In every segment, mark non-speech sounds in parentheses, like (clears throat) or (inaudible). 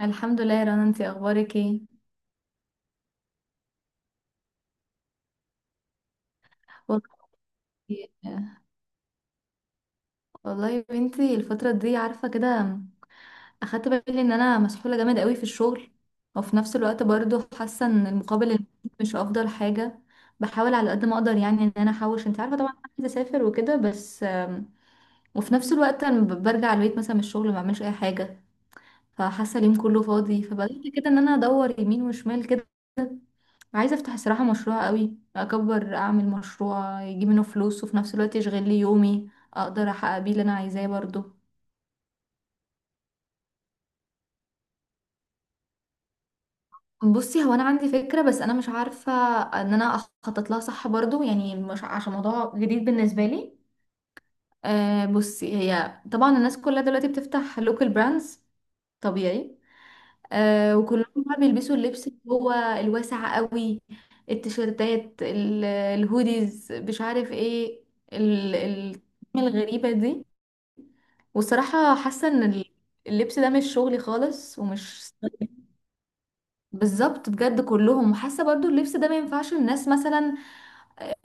الحمد لله يا رنا، انتي اخبارك ايه؟ والله. والله يا بنتي الفتره دي عارفه كده، اخدت بالي ان انا مسحوله جامد قوي في الشغل، وفي نفس الوقت برضو حاسه ان المقابل المادي مش افضل حاجه. بحاول على قد ما اقدر يعني ان انا احوش، انت عارفه طبعا انا عايزه اسافر وكده، بس وفي نفس الوقت انا برجع البيت مثلا من الشغل ما بعملش اي حاجه، فحاسه اليوم كله فاضي، فبدات كده ان انا ادور يمين وشمال كده. عايزة افتح الصراحة مشروع قوي اكبر، اعمل مشروع يجيب منه فلوس وفي نفس الوقت يشغل لي يومي، اقدر احقق بيه اللي انا عايزاه برضو. بصي، هو انا عندي فكرة، بس انا مش عارفة ان انا اخطط لها صح برضو، يعني مش عشان موضوع جديد بالنسبة لي. أه بصي، هي طبعا الناس كلها دلوقتي بتفتح لوكال براندز، طبيعي. أه وكلهم بقى بيلبسوا اللبس اللي هو الواسع قوي، التيشيرتات الهوديز مش عارف ايه، ال- ال- الغريبة دي. والصراحة حاسة ان اللبس ده مش شغلي خالص، ومش بالظبط بجد كلهم. وحاسة برضو اللبس ده ما ينفعش الناس مثلا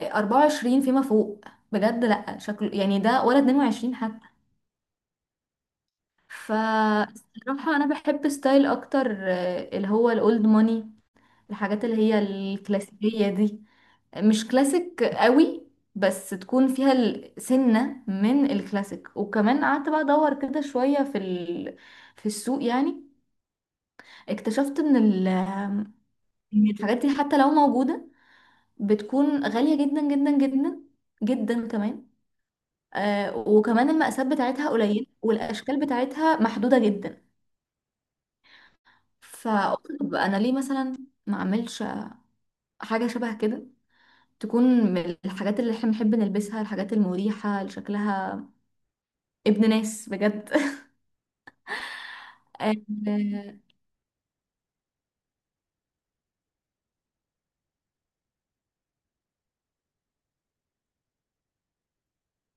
24 فيما فوق، بجد لا شكله يعني ده، ولا 22 حتى. فالصراحة انا بحب ستايل اكتر اللي هو الاولد ماني، الحاجات اللي هي الكلاسيكية دي، مش كلاسيك قوي، بس تكون فيها سنة من الكلاسيك. وكمان قعدت بقى ادور كده شوية في في السوق يعني، اكتشفت ان إن الحاجات دي حتى لو موجودة بتكون غالية جدا جدا جدا جدا كمان. آه وكمان المقاسات بتاعتها قليلة، والأشكال بتاعتها محدودة جدا. فقلت طب أنا ليه مثلا ما أعملش حاجة شبه كده، تكون من الحاجات اللي احنا بنحب نلبسها، الحاجات المريحة اللي شكلها ابن ناس بجد. (laughs) آه،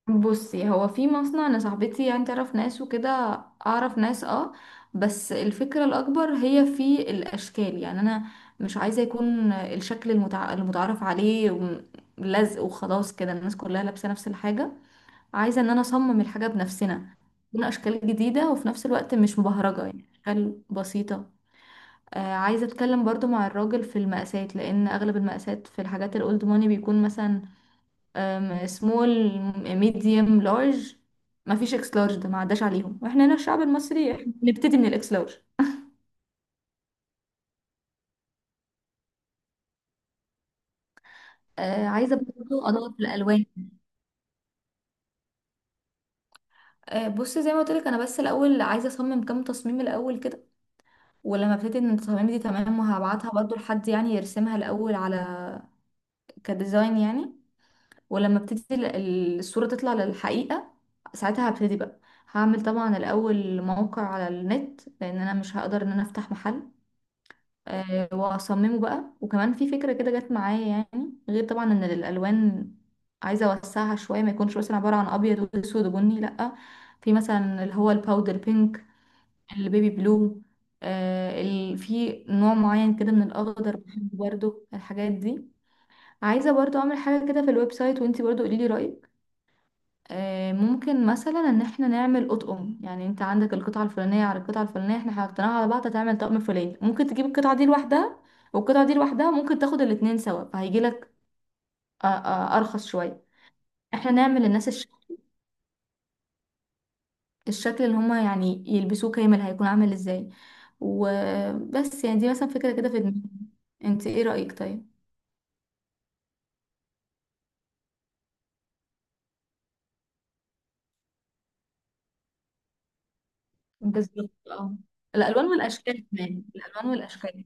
بصي، هو في مصنع، انا صاحبتي يعني تعرف ناس وكده، اعرف ناس اه. بس الفكرة الاكبر هي في الاشكال، يعني انا مش عايزة يكون الشكل المتعارف عليه، لزق وخلاص كده الناس كلها لابسة نفس الحاجة. عايزة ان انا اصمم الحاجة بنفسنا، تكون اشكال جديدة، وفي نفس الوقت مش مبهرجة يعني، اشكال بسيطة. آه، عايزة اتكلم برضو مع الراجل في المقاسات، لان اغلب المقاسات في الحاجات الاولد ماني بيكون مثلا سمول، ميديوم، لارج، ما فيش اكس لارج، ده ما عداش عليهم، واحنا هنا الشعب المصري إحنا بنبتدي من الاكس لارج. آه عايزه برضه ادور في الالوان. آه، بص زي ما قلت لك، انا بس الاول عايزه اصمم كام تصميم الاول كده، ولما ابتدي ان التصاميم دي تمام، وهبعتها برضه لحد يعني يرسمها الاول على كديزاين يعني، ولما ابتدي الصوره تطلع للحقيقه، ساعتها هبتدي بقى. هعمل طبعا الاول موقع على النت، لان انا مش هقدر ان انا افتح محل. واصممه بقى. وكمان في فكره كده جت معايا، يعني غير طبعا ان الالوان عايزه اوسعها شويه، ما يكونش مثلا عباره عن ابيض واسود وبني، لا، في مثلا اللي هو الباودر بينك، البيبي بلو، في نوع معين كده من الاخضر بحبه برضه، الحاجات دي. عايزه برضه اعمل حاجه كده في الويب سايت، وانتي برضه قولي لي رايك. ممكن مثلا ان احنا نعمل اطقم، يعني انت عندك القطعه الفلانيه على القطعه الفلانيه، احنا حطيناها على بعض هتعمل طقم فلاني، ممكن تجيب القطعه دي لوحدها والقطعه دي لوحدها، ممكن تاخد الاتنين سوا فهيجي لك ارخص شويه. احنا نعمل للناس الشكل اللي هما يعني يلبسوه كامل هيكون عامل ازاي. وبس يعني دي مثلا فكره كده في دماغي، انت ايه رايك طيب؟ بالظبط اه، الالوان والاشكال، كمان الالوان والاشكال.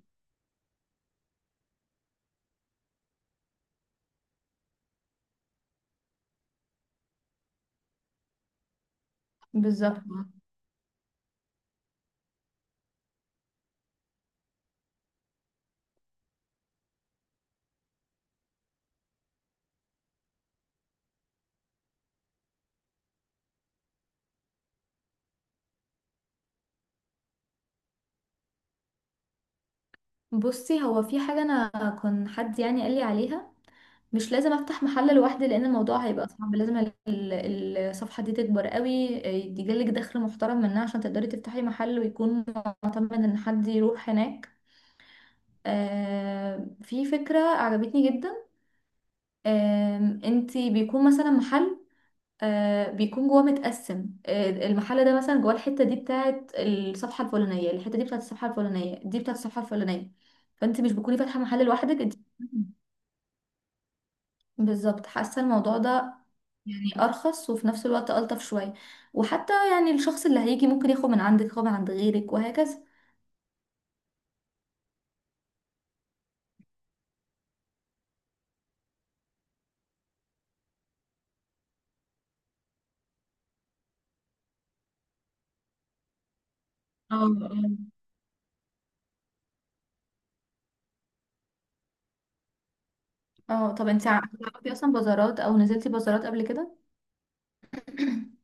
بالظبط. بصي هو في حاجة أنا كان حد يعني قال لي عليها، مش لازم افتح محل لوحدي، لان الموضوع هيبقى صعب، لازم الصفحة دي تكبر قوي، يجيلك دخل محترم منها عشان تقدري تفتحي محل، ويكون معتمد ان حد يروح هناك. في فكرة عجبتني جدا. انتي بيكون مثلا محل، بيكون جواه متقسم، المحل ده مثلا جواه الحتة دي بتاعت الصفحة الفلانية، الحتة دي بتاعت الصفحة الفلانية، دي بتاعت الصفحة الفلانية، فانت مش بتكوني فاتحة محل لوحدك انت، بالظبط. حاسة الموضوع ده يعني ارخص، وفي نفس الوقت الطف شويه، وحتى يعني الشخص اللي هيجي ممكن ياخد من عندك، ياخد من عند غيرك، وهكذا. اه اه اه. طب انت بتعرفي اصلا بازارات، او نزلتي بازارات قبل كده؟ (clears throat)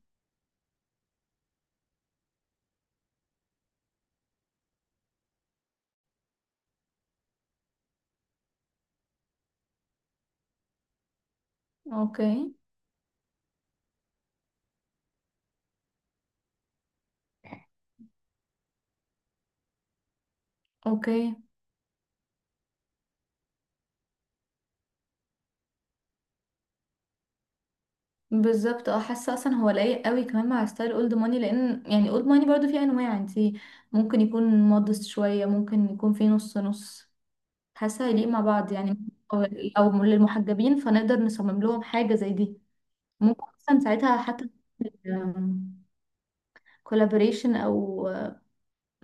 اوكي. اوكي. بالظبط اه، حاسه اصلا هو لايق قوي كمان مع ستايل اولد ماني، لان يعني اولد ماني برضو فيه انواع، انت ممكن يكون مودست شويه، ممكن يكون فيه نص نص. حاسه هيليق مع بعض يعني. او أو للمحجبين، فنقدر نصمم لهم حاجه زي دي. ممكن اصلا ساعتها حتى كولابوريشن او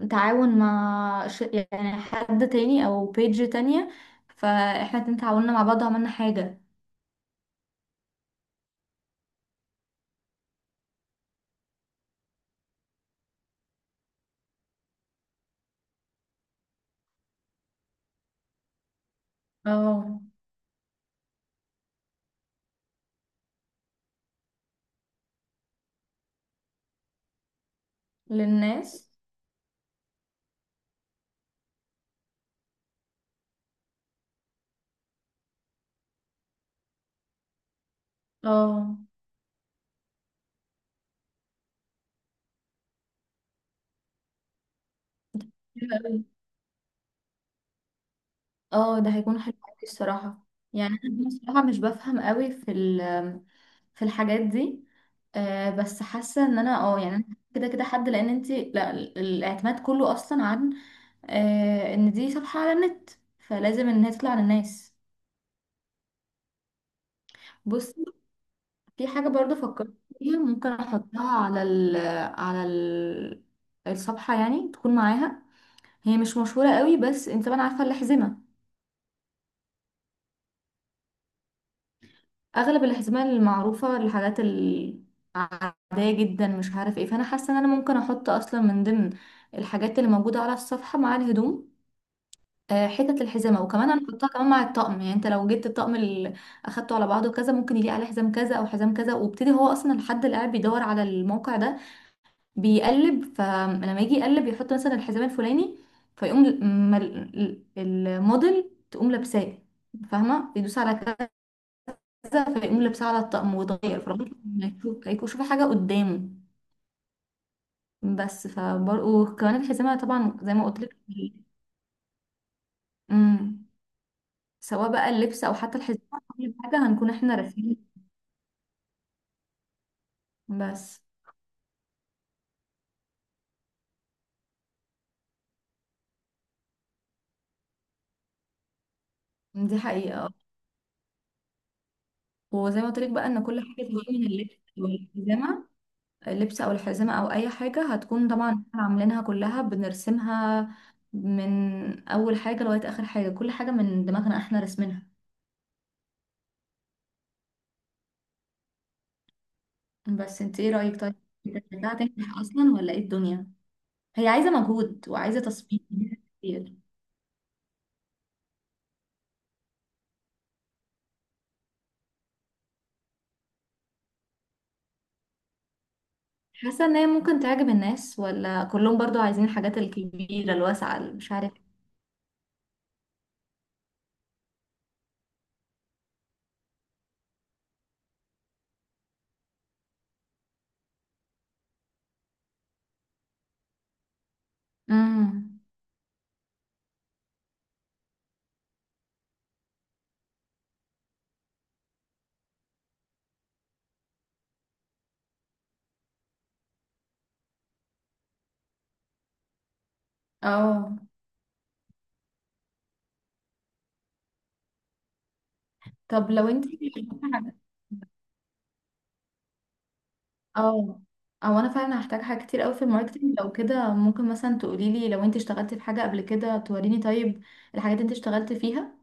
تعاون مع يعني حد تاني، او بيج تانية، فاحنا الاتنين تعاوننا مع بعض وعملنا حاجة. اه، للناس. اه، حلو قوي. اه ده هيكون حلو قوي الصراحة. يعني انا بصراحة مش بفهم قوي في في الحاجات دي. آه بس حاسة ان انا اه يعني أنا كده كده حد، لان انتي لا، الاعتماد كله اصلا عن آه ان دي صفحة على النت، فلازم ان هي تطلع للناس. بص، في حاجة برضو فكرت فيها ممكن أحطها على ال الصفحة، يعني تكون معاها. هي مش مشهورة قوي، بس انت طبعا عارفة الأحزمة، أغلب الأحزمة المعروفة الحاجات العادية جدا مش عارف ايه، فأنا حاسة إن أنا ممكن أحط أصلا من ضمن الحاجات اللي موجودة على الصفحة مع الهدوم، حتت الحزمة، وكمان هنحطها كمان مع الطقم، يعني انت لو جبت الطقم اللي أخدته على بعضه كذا، ممكن يليق عليه حزام كذا أو حزام كذا. وابتدي هو أصلا الحد اللي قاعد بيدور على الموقع ده بيقلب، فلما يجي يقلب يحط مثلا الحزام الفلاني، فيقوم الموديل تقوم لابساه، فاهمة، يدوس على كذا فيقوم لابساه على الطقم ويتغير، فالراجل هيشوف، هيكون شوف حاجة قدامه. بس فبرضه وكمان الحزامة طبعا زي ما قلت لك. امم. سواء بقى اللبس او حتى الحزامة، كل حاجة هنكون احنا راسمين. بس. دي حقيقة. وزي ما قلت لك بقى ان كل حاجة بتيجي من اللبس والحزامة، اللبس او الحزمه او اي حاجه هتكون مم. طبعا إحنا عاملينها كلها بنرسمها من اول حاجه لغايه اخر حاجه، كل حاجه من دماغنا احنا رسمينها. بس انت ايه رايك طيب؟ انت شايفاها هتنجح اصلا، ولا ايه الدنيا؟ هي عايزه مجهود وعايزه تصميم كتير. حاسه ان هي ممكن تعجب الناس، ولا كلهم برضو عايزين الحاجات الكبيره الواسعه اللي مش عارف. امم اه. طب لو انت اه، او انا فعلا هحتاج حاجات كتير قوي في الماركتينج، لو كده ممكن مثلا تقولي لي لو انت اشتغلتي في حاجه قبل كده توريني طيب الحاجات اللي انت اشتغلتي فيها.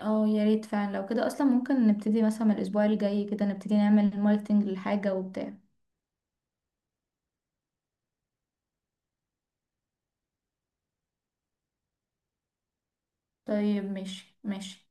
اه يا ريت، فعلا لو كده اصلا ممكن نبتدي مثلا من الاسبوع الجاي كده نبتدي نعمل ماركتينج للحاجه وبتاع. طيب ماشي ماشي.